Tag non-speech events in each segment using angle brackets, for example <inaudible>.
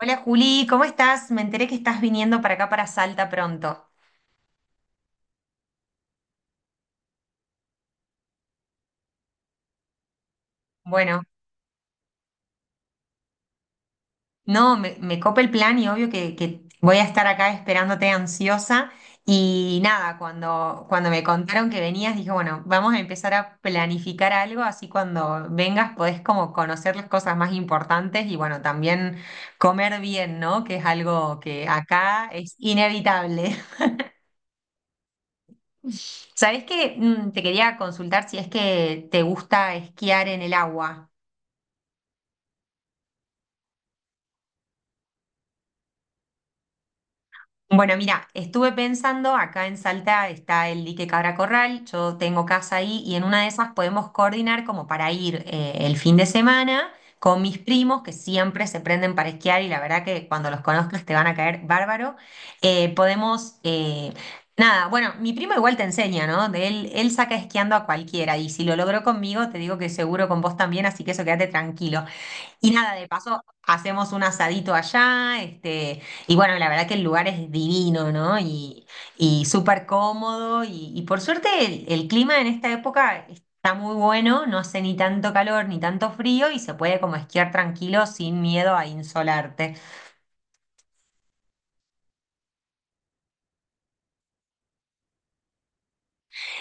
Hola Juli, ¿cómo estás? Me enteré que estás viniendo para acá, para Salta pronto. Bueno, no, me copa el plan y obvio que voy a estar acá esperándote ansiosa. Y nada, cuando me contaron que venías, dije, bueno, vamos a empezar a planificar algo, así cuando vengas podés como conocer las cosas más importantes y bueno, también comer bien, ¿no? Que es algo que acá es inevitable. <laughs> ¿Sabés qué? Te quería consultar si es que te gusta esquiar en el agua. Bueno, mira, estuve pensando, acá en Salta está el dique Cabra Corral, yo tengo casa ahí y en una de esas podemos coordinar como para ir el fin de semana con mis primos que siempre se prenden para esquiar y la verdad que cuando los conozcas te van a caer bárbaro. Podemos, nada, bueno, mi primo igual te enseña, ¿no? De él saca esquiando a cualquiera y si lo logró conmigo te digo que seguro con vos también, así que eso quédate tranquilo. Y nada, de paso hacemos un asadito allá, este, y bueno, la verdad que el lugar es divino, ¿no? Y súper cómodo, y por suerte el clima en esta época está muy bueno, no hace ni tanto calor ni tanto frío, y se puede como esquiar tranquilo sin miedo a insolarte.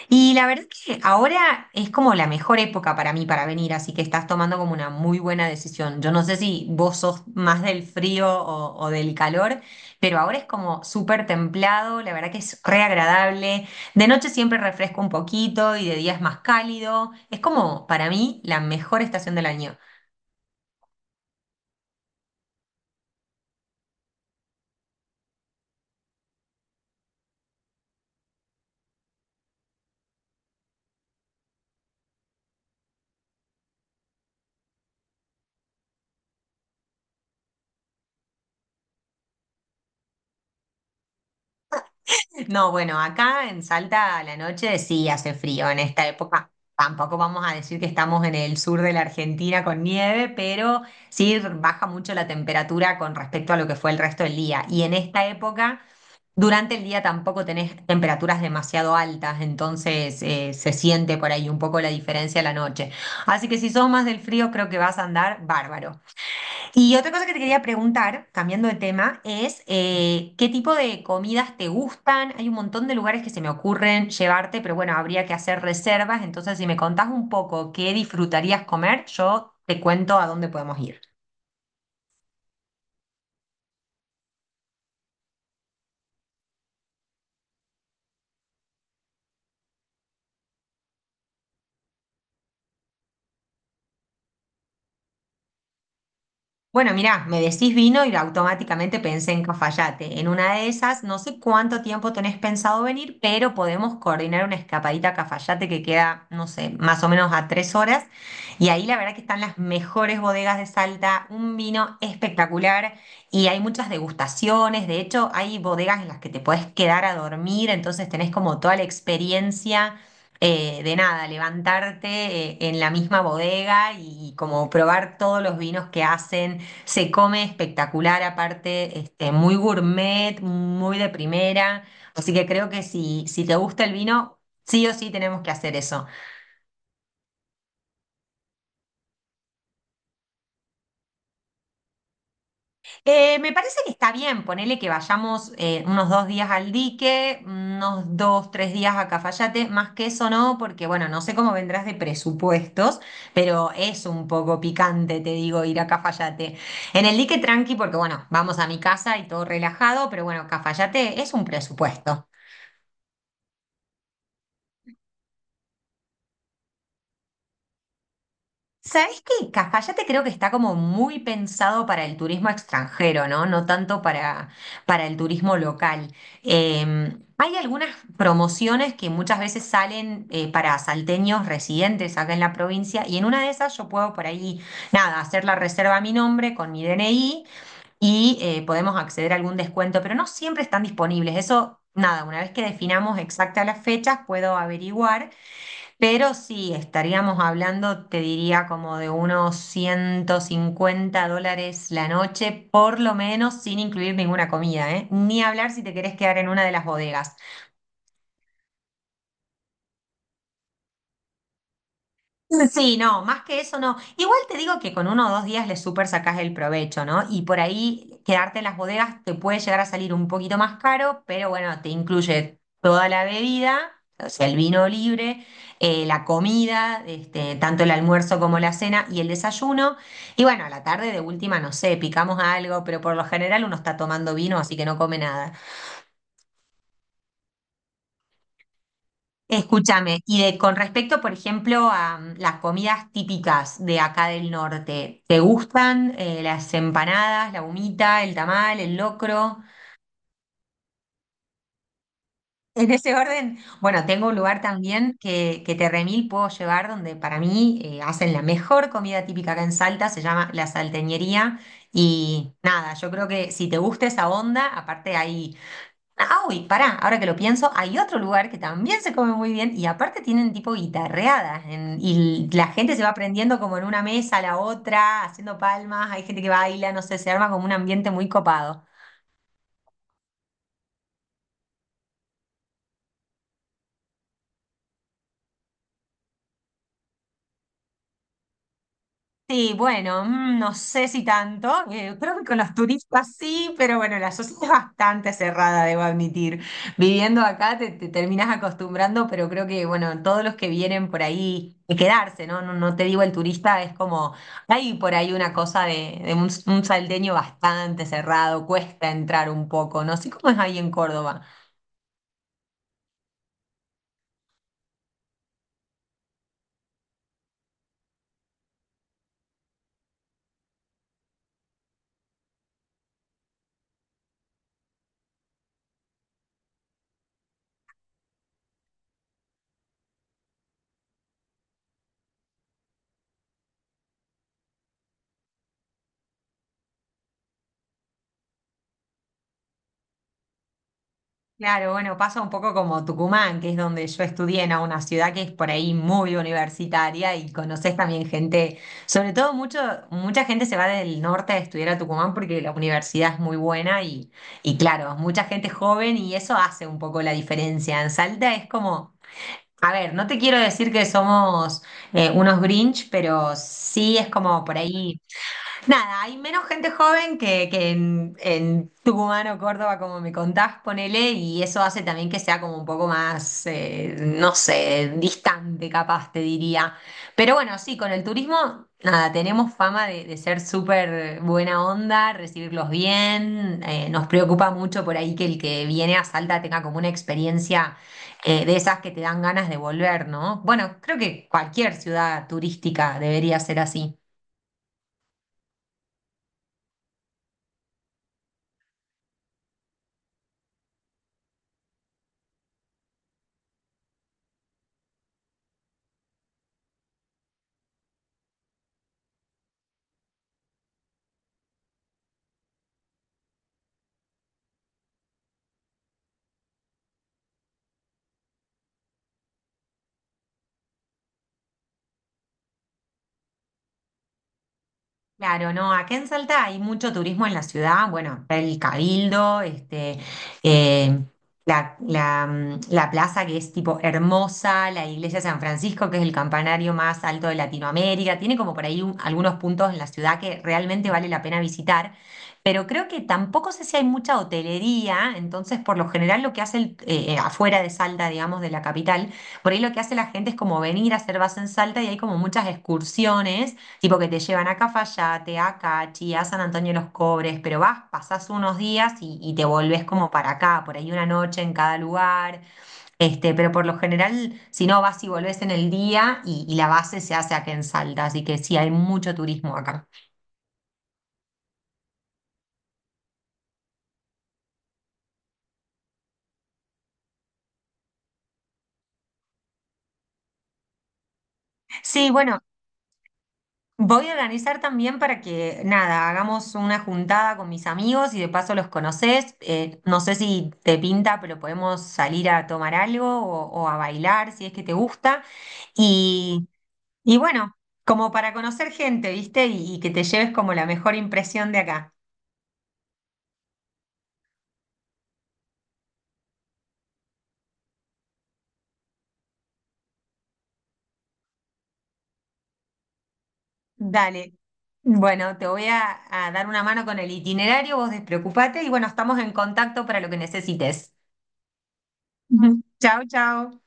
Y la verdad es que ahora es como la mejor época para mí para venir, así que estás tomando como una muy buena decisión. Yo no sé si vos sos más del frío o del calor, pero ahora es como súper templado, la verdad que es re agradable. De noche siempre refresca un poquito y de día es más cálido. Es como para mí la mejor estación del año. No, bueno, acá en Salta a la noche sí hace frío en esta época. Tampoco vamos a decir que estamos en el sur de la Argentina con nieve, pero sí baja mucho la temperatura con respecto a lo que fue el resto del día. Y en esta época, durante el día tampoco tenés temperaturas demasiado altas, entonces se siente por ahí un poco la diferencia a la noche. Así que si sos más del frío, creo que vas a andar bárbaro. Y otra cosa que te quería preguntar, cambiando de tema, es ¿qué tipo de comidas te gustan? Hay un montón de lugares que se me ocurren llevarte, pero bueno, habría que hacer reservas. Entonces, si me contás un poco qué disfrutarías comer, yo te cuento a dónde podemos ir. Bueno, mirá, me decís vino y automáticamente pensé en Cafayate. En una de esas, no sé cuánto tiempo tenés pensado venir, pero podemos coordinar una escapadita a Cafayate que queda, no sé, más o menos a 3 horas. Y ahí la verdad que están las mejores bodegas de Salta, un vino espectacular y hay muchas degustaciones. De hecho, hay bodegas en las que te podés quedar a dormir, entonces tenés como toda la experiencia de nada, levantarte en la misma bodega y como probar todos los vinos que hacen. Se come espectacular, aparte, este, muy gourmet, muy de primera. Así que creo que si, si te gusta el vino, sí o sí tenemos que hacer eso. Me parece que está bien, ponele que vayamos unos 2 días al Dique, unos dos, tres días a Cafayate, más que eso no, porque bueno, no sé cómo vendrás de presupuestos, pero es un poco picante, te digo, ir a Cafayate. En el Dique tranqui, porque bueno, vamos a mi casa y todo relajado, pero bueno, Cafayate es un presupuesto. ¿Sabés qué? Cafayate creo que está como muy pensado para el turismo extranjero, ¿no? No tanto para, el turismo local. Hay algunas promociones que muchas veces salen para salteños residentes acá en la provincia y en una de esas yo puedo por ahí, nada, hacer la reserva a mi nombre con mi DNI y podemos acceder a algún descuento, pero no siempre están disponibles. Eso, nada, una vez que definamos exactas las fechas, puedo averiguar. Pero sí, estaríamos hablando, te diría, como de unos $150 la noche, por lo menos, sin incluir ninguna comida, ¿eh? Ni hablar si te querés quedar en una de las bodegas. Sí, no, más que eso no. Igual te digo que con uno o dos días le súper sacás el provecho, ¿no? Y por ahí quedarte en las bodegas te puede llegar a salir un poquito más caro, pero bueno, te incluye toda la bebida, o sea, el vino libre, la comida, este, tanto el almuerzo como la cena y el desayuno. Y bueno, a la tarde de última, no sé, picamos algo, pero por lo general uno está tomando vino, así que no come nada. Escúchame, y con respecto, por ejemplo, a las comidas típicas de acá del norte, ¿te gustan las empanadas, la humita, el tamal, el locro? <laughs> En ese orden, bueno, tengo un lugar también que te remil puedo llevar donde para mí hacen la mejor comida típica acá en Salta, se llama La Salteñería. Y nada, yo creo que si te gusta esa onda, aparte hay. Ah, uy, pará, ahora que lo pienso, hay otro lugar que también se come muy bien y aparte tienen tipo guitarreadas y la gente se va prendiendo como en una mesa a la otra, haciendo palmas, hay gente que baila, no sé, se arma como un ambiente muy copado. Sí, bueno, no sé si tanto. Creo que con los turistas sí, pero bueno, la sociedad es bastante cerrada, debo admitir. Viviendo acá te terminas acostumbrando, pero creo que, bueno, todos los que vienen por ahí, y quedarse, ¿no? No, no te digo el turista, es como, hay por ahí una cosa de, un salteño bastante cerrado, cuesta entrar un poco, no sé cómo es ahí en Córdoba. Claro, bueno, pasa un poco como Tucumán, que es donde yo estudié, ¿no? Una ciudad que es por ahí muy universitaria y conoces también gente, sobre todo mucho, mucha gente se va del norte a estudiar a Tucumán porque la universidad es muy buena y claro, mucha gente joven y eso hace un poco la diferencia. En Salta es como, a ver, no te quiero decir que somos unos Grinch, pero sí es como por ahí. Nada, hay menos gente joven que en, Tucumán o Córdoba, como me contás, ponele, y eso hace también que sea como un poco más, no sé, distante capaz, te diría. Pero bueno, sí, con el turismo, nada, tenemos fama de ser súper buena onda, recibirlos bien, nos preocupa mucho por ahí que el que viene a Salta tenga como una experiencia de esas que te dan ganas de volver, ¿no? Bueno, creo que cualquier ciudad turística debería ser así. Claro, no, acá en Salta hay mucho turismo en la ciudad, bueno, está el Cabildo, este, eh, la plaza que es tipo hermosa, la iglesia de San Francisco, que es el campanario más alto de Latinoamérica, tiene como por ahí algunos puntos en la ciudad que realmente vale la pena visitar, pero creo que tampoco sé si hay mucha hotelería, entonces por lo general lo que hace afuera de Salta, digamos, de la capital, por ahí lo que hace la gente es como venir a hacer base en Salta y hay como muchas excursiones. Tipo que te llevan a Cafayate, a Cachi, a San Antonio de los Cobres, pero vas, pasás unos días y te volvés como para acá, por ahí una noche en cada lugar, este, pero por lo general, si no, vas y volvés en el día y la base se hace aquí en Salta, así que sí, hay mucho turismo acá. Sí, bueno, voy a organizar también para que, nada, hagamos una juntada con mis amigos y de paso los conoces, no sé si te pinta, pero podemos salir a tomar algo o a bailar si es que te gusta. Y Y bueno, como para conocer gente, ¿viste? Y que te lleves como la mejor impresión de acá. Dale. Bueno, te voy a dar una mano con el itinerario, vos despreocupate y bueno, estamos en contacto para lo que necesites. Chao, chao.